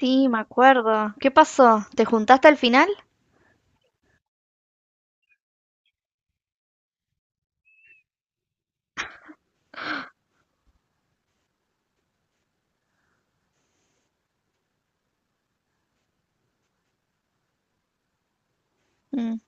Sí, me acuerdo. ¿Qué pasó? ¿Te juntaste al final? Mm,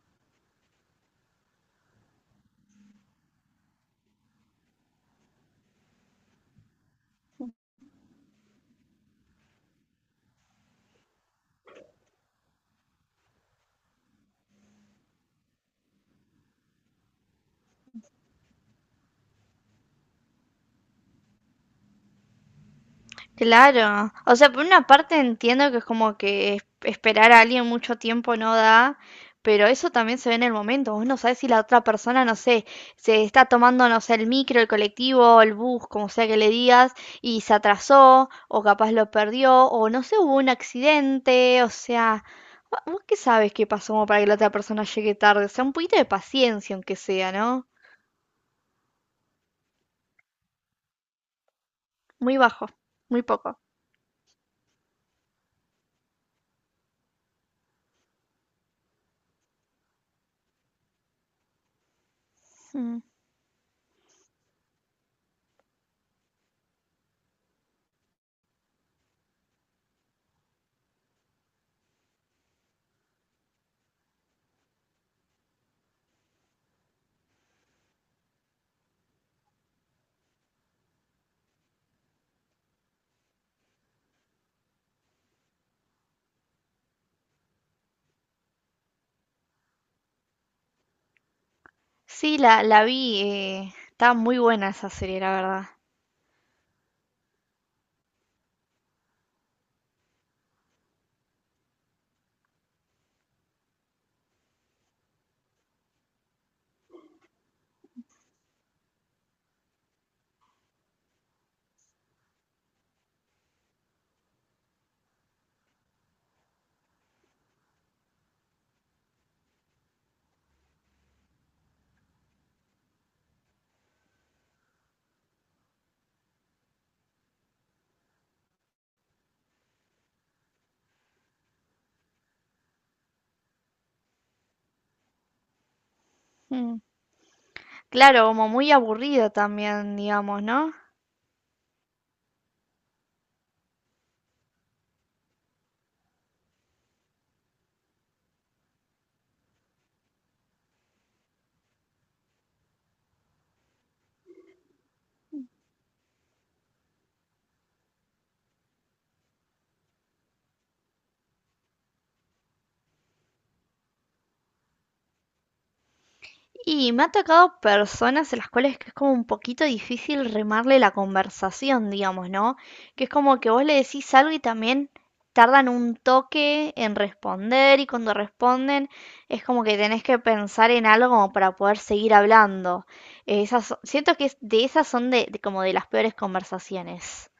claro. O sea, por una parte entiendo que es como que esperar a alguien mucho tiempo no da, pero eso también se ve en el momento. Vos no sabés si la otra persona, no sé, se está tomando, no sé, el micro, el colectivo, el bus, como sea que le digas, y se atrasó, o capaz lo perdió, o no sé, hubo un accidente, o sea... ¿Vos qué sabes qué pasó como para que la otra persona llegue tarde? O sea, un poquito de paciencia, aunque sea, ¿no? Muy bajo, muy poco. Mm. Sí, la vi. Está muy buena esa serie, la verdad. Mm. Claro, como muy aburrido también, digamos, ¿no? Y me ha tocado personas en las cuales que es como un poquito difícil remarle la conversación, digamos, ¿no? Que es como que vos le decís algo y también tardan un toque en responder y cuando responden es como que tenés que pensar en algo como para poder seguir hablando. Esas, siento que de esas son de como de las peores conversaciones.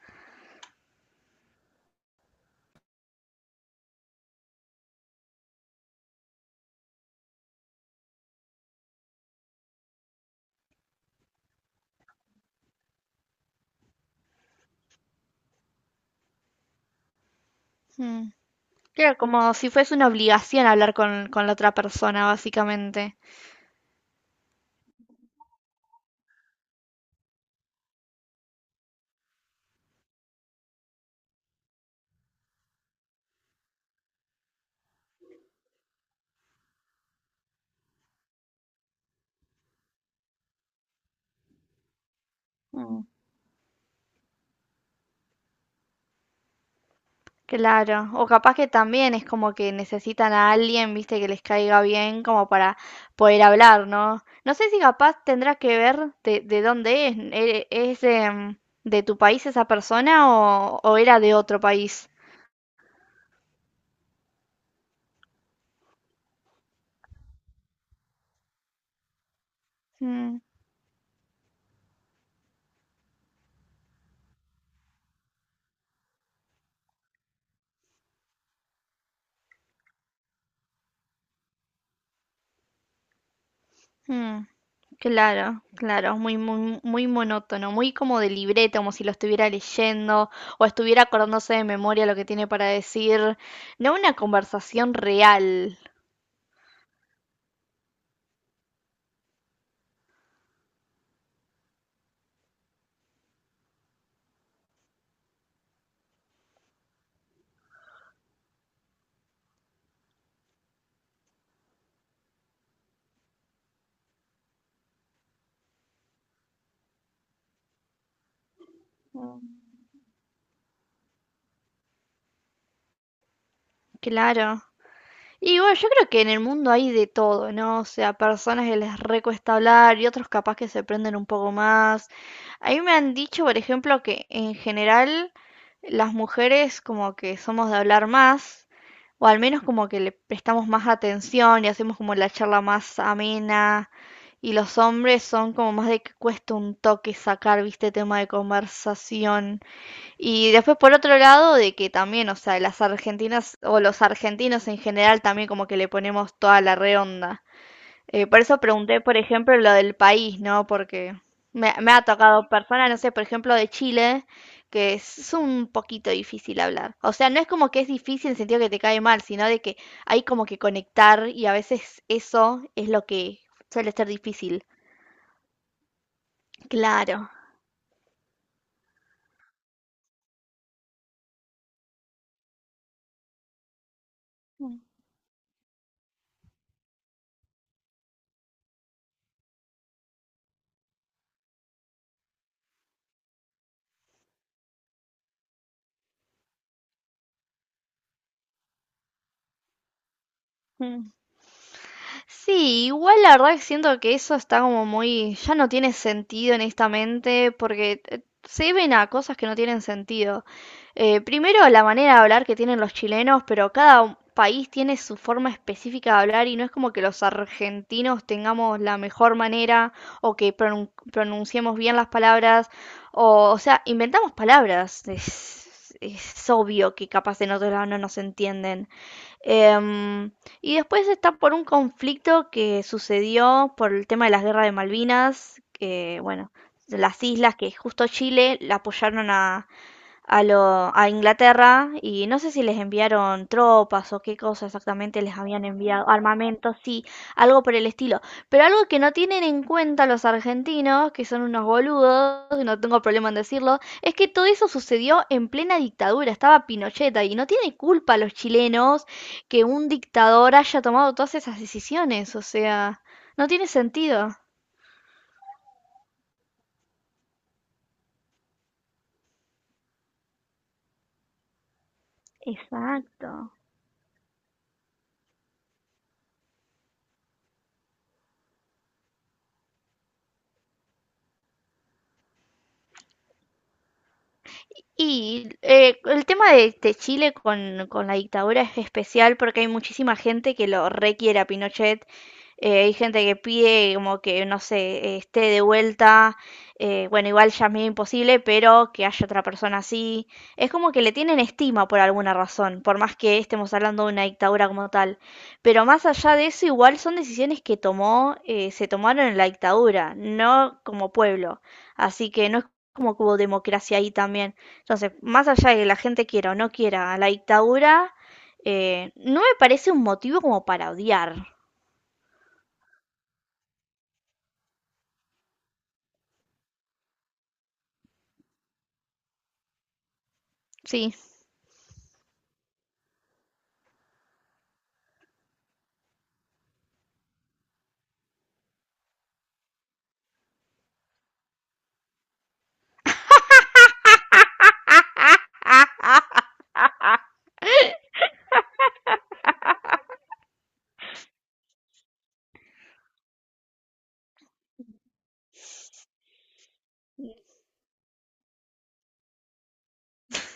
Mm. Claro, como si fuese una obligación hablar con la otra persona, básicamente. Mm. Claro, o capaz que también es como que necesitan a alguien, viste, que les caiga bien como para poder hablar, ¿no? No sé si capaz tendrá que ver de dónde es, ¿es de, mm, de tu país esa persona o era de otro país? Mm. Mm, claro, claro, muy, muy, muy monótono, muy como de libreta, como si lo estuviera leyendo o estuviera acordándose de memoria lo que tiene para decir, no una conversación real, claro. Y bueno, yo creo que en el mundo hay de todo, ¿no? O sea, personas que les recuesta hablar y otros capaz que se prenden un poco más. A mí me han dicho, por ejemplo, que en general las mujeres como que somos de hablar más, o al menos como que le prestamos más atención y hacemos como la charla más amena, y los hombres son como más de que cuesta un toque sacar, viste, tema de conversación. Y después por otro lado de que también, o sea, las argentinas o los argentinos en general también como que le ponemos toda la redonda. Por eso pregunté, por ejemplo, lo del país, ¿no? Porque me ha tocado personas, no sé, por ejemplo, de Chile, que es un poquito difícil hablar. O sea, no es como que es difícil en el sentido que te cae mal, sino de que hay como que conectar y a veces eso es lo que suele ser difícil. Claro. Mm. Sí, igual la verdad que siento que eso está como muy, ya no tiene sentido honestamente, porque se ven a cosas que no tienen sentido. Primero, la manera de hablar que tienen los chilenos, pero país tiene su forma específica de hablar y no es como que los argentinos tengamos la mejor manera o que pronunciemos bien las palabras, o sea, inventamos palabras. Es obvio que capaz en otro lado no nos entienden. Em, y después está por un conflicto que sucedió por el tema de las guerras de Malvinas, que bueno, de las islas que justo Chile la apoyaron a Inglaterra y no sé si les enviaron tropas o qué cosa exactamente les habían enviado, armamento, sí, algo por el estilo. Pero algo que no tienen en cuenta los argentinos, que son unos boludos, y no tengo problema en decirlo, es que todo eso sucedió en plena dictadura, estaba Pinochet ahí, y no tiene culpa los chilenos que un dictador haya tomado todas esas decisiones, o sea, no tiene sentido. Exacto. Y el tema de Chile con la dictadura es especial porque hay muchísima gente que lo requiere a Pinochet. Hay gente que pide como que, no sé, esté de vuelta. Bueno, igual ya es medio imposible, pero que haya otra persona así. Es como que le tienen estima por alguna razón, por más que estemos hablando de una dictadura como tal. Pero más allá de eso, igual son decisiones que tomó, se tomaron en la dictadura, no como pueblo. Así que no es como que hubo democracia ahí también. Entonces, más allá de que la gente quiera o no quiera a la dictadura, no me parece un motivo como para odiar. Sí.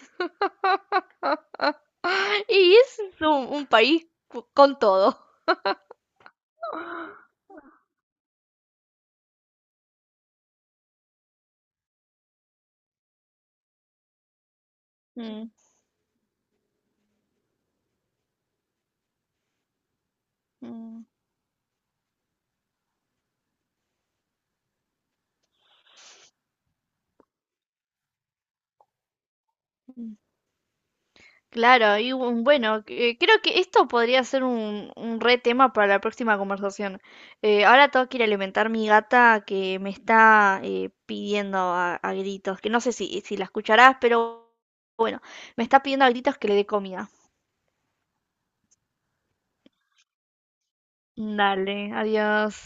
Y es un país con todo. Mm, mm. Claro, y bueno, creo que esto podría ser un re tema para la próxima conversación. Ahora tengo que ir a alimentar mi gata que me está pidiendo a gritos, que no sé si la escucharás, pero me está pidiendo a gritos que le dé comida. Dale, adiós.